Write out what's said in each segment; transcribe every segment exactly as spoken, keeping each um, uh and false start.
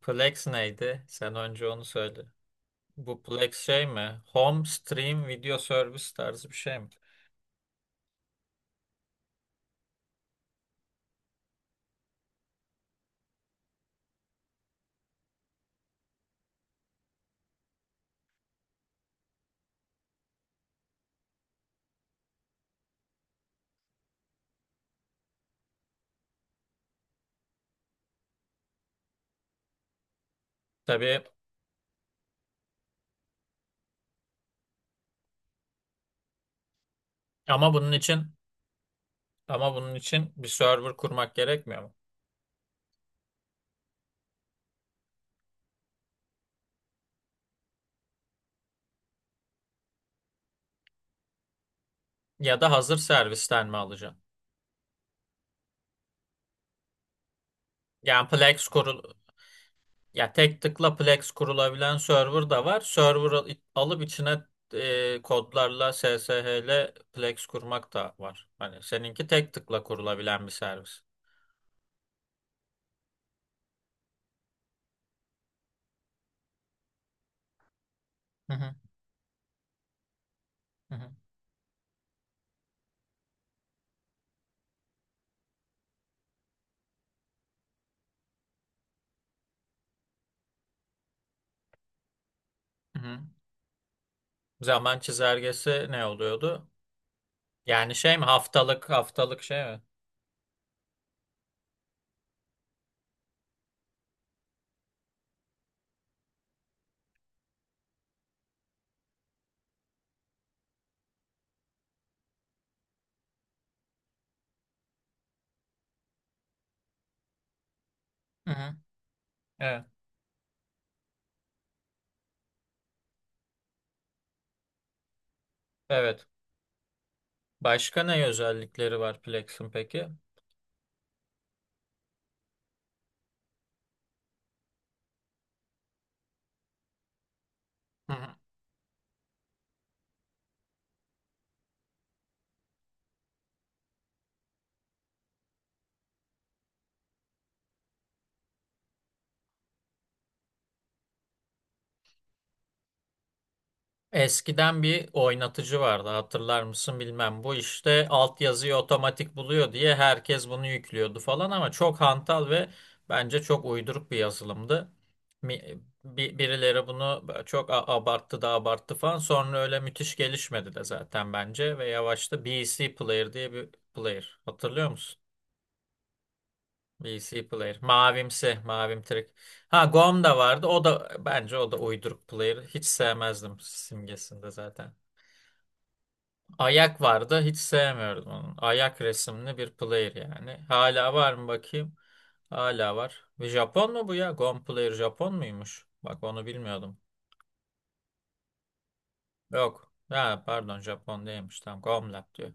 Plex neydi? Sen önce onu söyle. Bu Plex şey mi? Home Stream Video Service tarzı bir şey mi? Tabii ama bunun için ama bunun için bir server kurmak gerekmiyor mu? Ya da hazır servisten mi alacaksın? Yani Plex kurul Ya tek tıkla Plex kurulabilen server da var. Server al- alıp içine e, kodlarla S S H ile Plex kurmak da var. Hani seninki tek tıkla kurulabilen bir servis. Hı hı. hı hı, hı hı. Zaman çizelgesi ne oluyordu? Yani şey mi, haftalık haftalık şey mi? Hı hı. Evet. Evet. Başka ne özellikleri var Plex'in peki? Hı hı. Eskiden bir oynatıcı vardı, hatırlar mısın bilmem. Bu işte altyazıyı otomatik buluyor diye herkes bunu yüklüyordu falan, ama çok hantal ve bence çok uyduruk bir yazılımdı. Mi- bi- Birileri bunu çok a- abarttı da abarttı falan. Sonra öyle müthiş gelişmedi de zaten bence ve yavaşta B C Player diye bir player. Hatırlıyor musun? P C player. Mavimsi. Mavim trik. Ha, Gom da vardı. O da bence o da uyduruk player. Hiç sevmezdim simgesinde zaten. Ayak vardı. Hiç sevmiyordum onun. Ayak resimli bir player yani. Hala var mı bakayım? Hala var. Bir Japon mu bu ya? Gom player Japon muymuş? Bak, onu bilmiyordum. Yok, ha pardon, Japon değilmiş. Tamam. Gomlab diyor.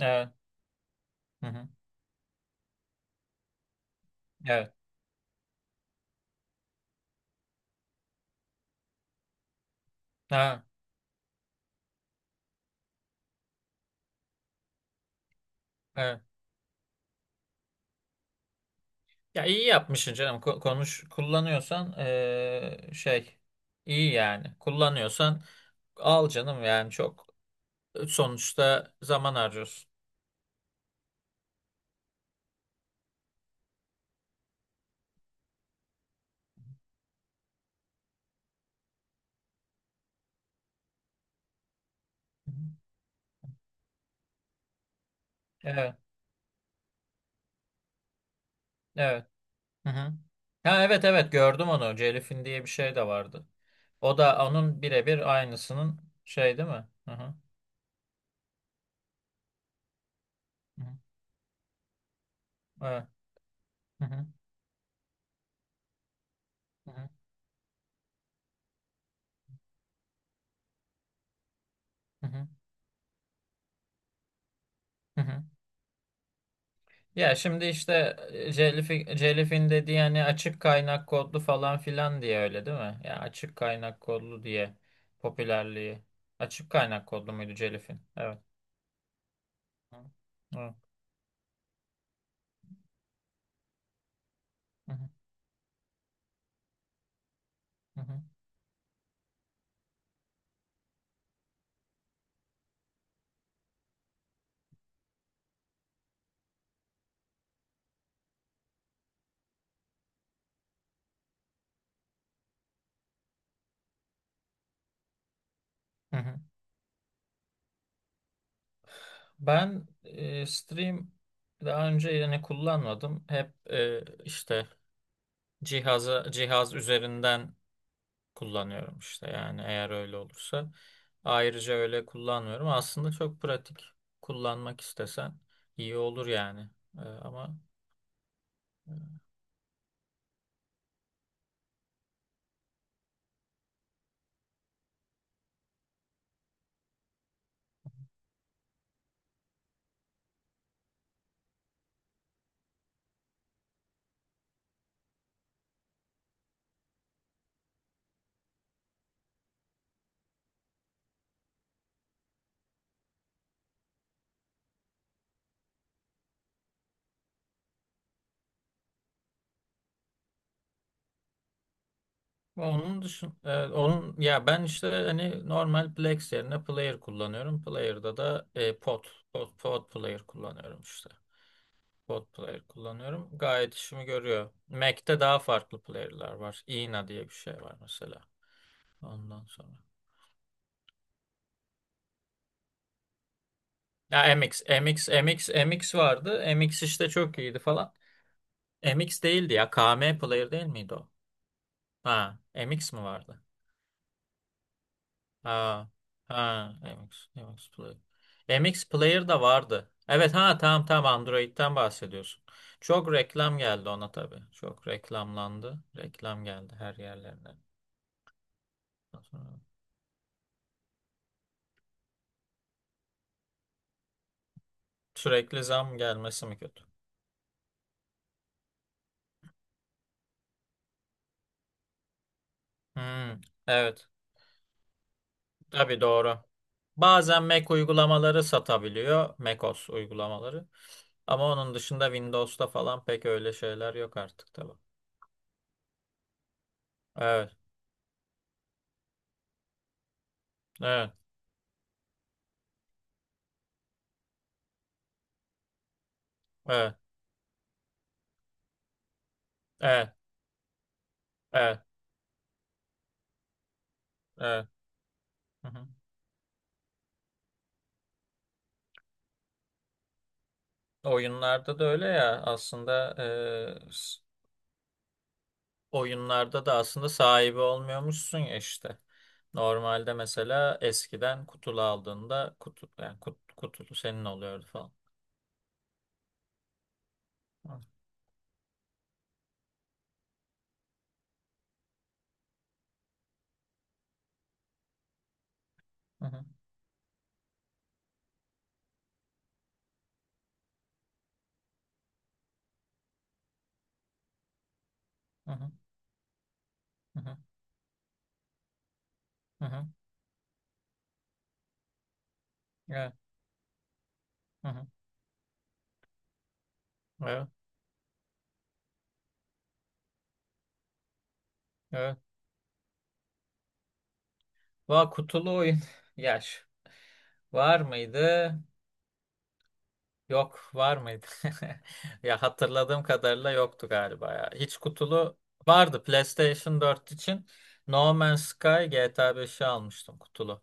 Evet. Hı hı. Evet. Ha, evet. Ya iyi yapmışsın canım. Ko- Konuş kullanıyorsan eee, şey, iyi yani. Kullanıyorsan al canım, yani çok e, sonuçta zaman harcıyorsun. Hı hı. Evet, evet. Hı hı. Ha evet, evet, gördüm onu. Celif'in diye bir şey de vardı. O da onun birebir aynısının şey değil mi? Hı hı. Hı hı. Evet. Hı hı. Hı hı. Hı hı. Hı hı. Ya şimdi işte e, Jellyfi- Jellyfin dediği hani açık kaynak kodlu falan filan diye, öyle değil mi? Ya açık kaynak kodlu diye popülerliği. Açık kaynak kodlu muydu Jellyfin? Evet. Hı. Evet. Hı hı. Hı hı. Hı hı. Ben e, stream daha önce yani kullanmadım. Hep e, işte cihaza cihaz üzerinden kullanıyorum işte, yani eğer öyle olursa. Ayrıca öyle kullanmıyorum. Aslında çok pratik. Kullanmak istesen iyi olur yani. Ee, ama e, Onun dışın e, onun, ya ben işte hani normal Plex yerine Player kullanıyorum. Player'da da e, Pod, Pod, Pod Player kullanıyorum işte. Pod Player kullanıyorum. Gayet işimi görüyor. Mac'te daha farklı player'lar var. Ina diye bir şey var mesela. Ondan sonra. Ya MX, MX, MX, MX vardı. MX işte çok iyiydi falan. M X değildi ya. K M Player değil miydi o? Ha, MX mi vardı? Ha, ha, MX, MX Player. M X Player da vardı. Evet, ha tamam tamam, Android'den bahsediyorsun. Çok reklam geldi ona tabii. Çok reklamlandı. Reklam geldi her yerlerine. Sürekli zam gelmesi mi kötü? Hmm, evet. Tabii, doğru. Bazen Mac uygulamaları satabiliyor. macOS uygulamaları. Ama onun dışında Windows'ta falan pek öyle şeyler yok artık tabii. Evet, evet, evet, evet, evet, evet. Hı hı. Oyunlarda da öyle ya, aslında e, s- oyunlarda da aslında sahibi olmuyormuşsun ya işte. Normalde mesela eskiden kutulu aldığında, kutu yani kut, kutulu senin oluyordu falan. Hı hı, hı hı, hı hı, hı hı, evet, hı hı, evet. Evet. Va kutulu oyun. yaş var mıydı? Yok, var mıydı? Ya hatırladığım kadarıyla yoktu galiba ya. Hiç kutulu vardı PlayStation dört için. No Man's Sky, G T A beşi almıştım kutulu.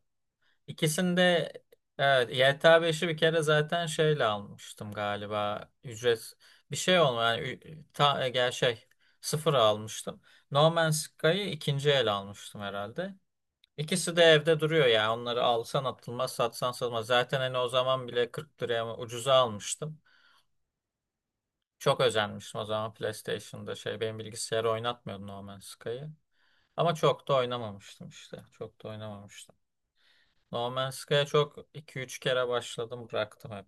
İkisinde evet, G T A beşi bir kere zaten şeyle almıştım galiba. Ücret bir şey olmuyor yani, ü- ta, e, gel şey sıfır almıştım. No Man's Sky'ı ikinci el almıştım herhalde. İkisi de evde duruyor ya. Onları alsan atılmaz, satsan satılmaz. Zaten hani o zaman bile kırk liraya mı ucuza almıştım. Çok özenmiştim o zaman, PlayStation'da şey, benim bilgisayarı oynatmıyordu No Man's Sky'ı. Ama çok da oynamamıştım işte. Çok da oynamamıştım. No Man's Sky'a çok iki üç kere başladım bıraktım hep.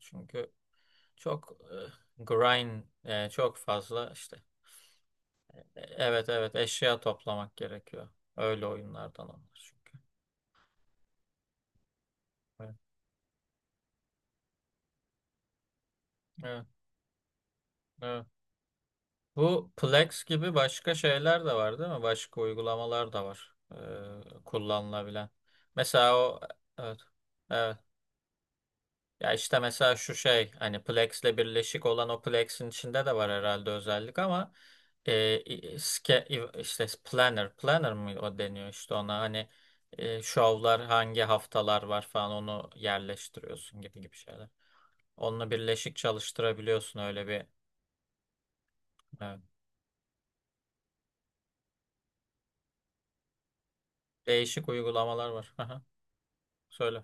Çünkü çok e, grind e, çok fazla işte. E, Evet evet eşya toplamak gerekiyor. Öyle oyunlardan onlar çünkü. Evet evet, evet. Bu Plex gibi başka şeyler de var değil mi? Başka uygulamalar da var, e, kullanılabilen. Mesela o, evet. Evet. Ya işte mesela şu şey, hani Plex'le birleşik olan, o Plex'in içinde de var herhalde özellik ama e, i- ske- i- işte planner planner mı o deniyor, işte ona hani e, şovlar hangi haftalar var falan onu yerleştiriyorsun, gibi gibi şeyler. Onunla birleşik çalıştırabiliyorsun öyle bir, evet. Değişik uygulamalar var. Aha, söyle.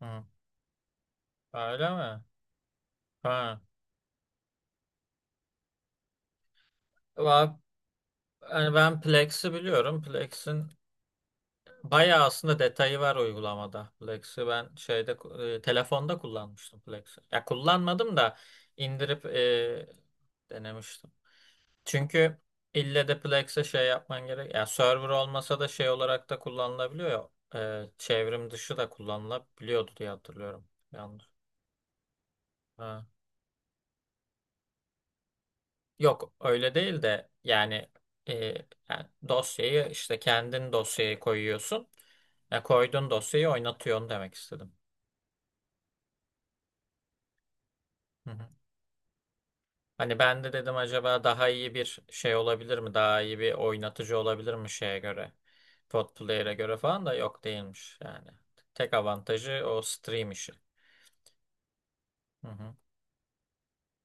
Hı. Öyle mi? Ha. Va- Yani ben Plex'i biliyorum. Plex'in bayağı aslında detayı var uygulamada. Plex'i ben şeyde, e, telefonda kullanmıştım Plex'i. Ya kullanmadım da indirip e, denemiştim. Çünkü ille de Plex'e şey yapman gerek. Ya server olmasa da şey olarak da kullanılabiliyor ya. E, çevrim dışı da kullanılabiliyordu diye hatırlıyorum. Yanlış. Yok öyle değil de yani, e, yani dosyayı işte kendin dosyaya koyuyorsun. Ya koyduğun dosyayı oynatıyorsun demek istedim. Hı hı. Hani ben de dedim, acaba daha iyi bir şey olabilir mi? Daha iyi bir oynatıcı olabilir mi şeye göre? Pod player'e göre falan da yok değilmiş yani. Tek avantajı o stream işi. Hı hı.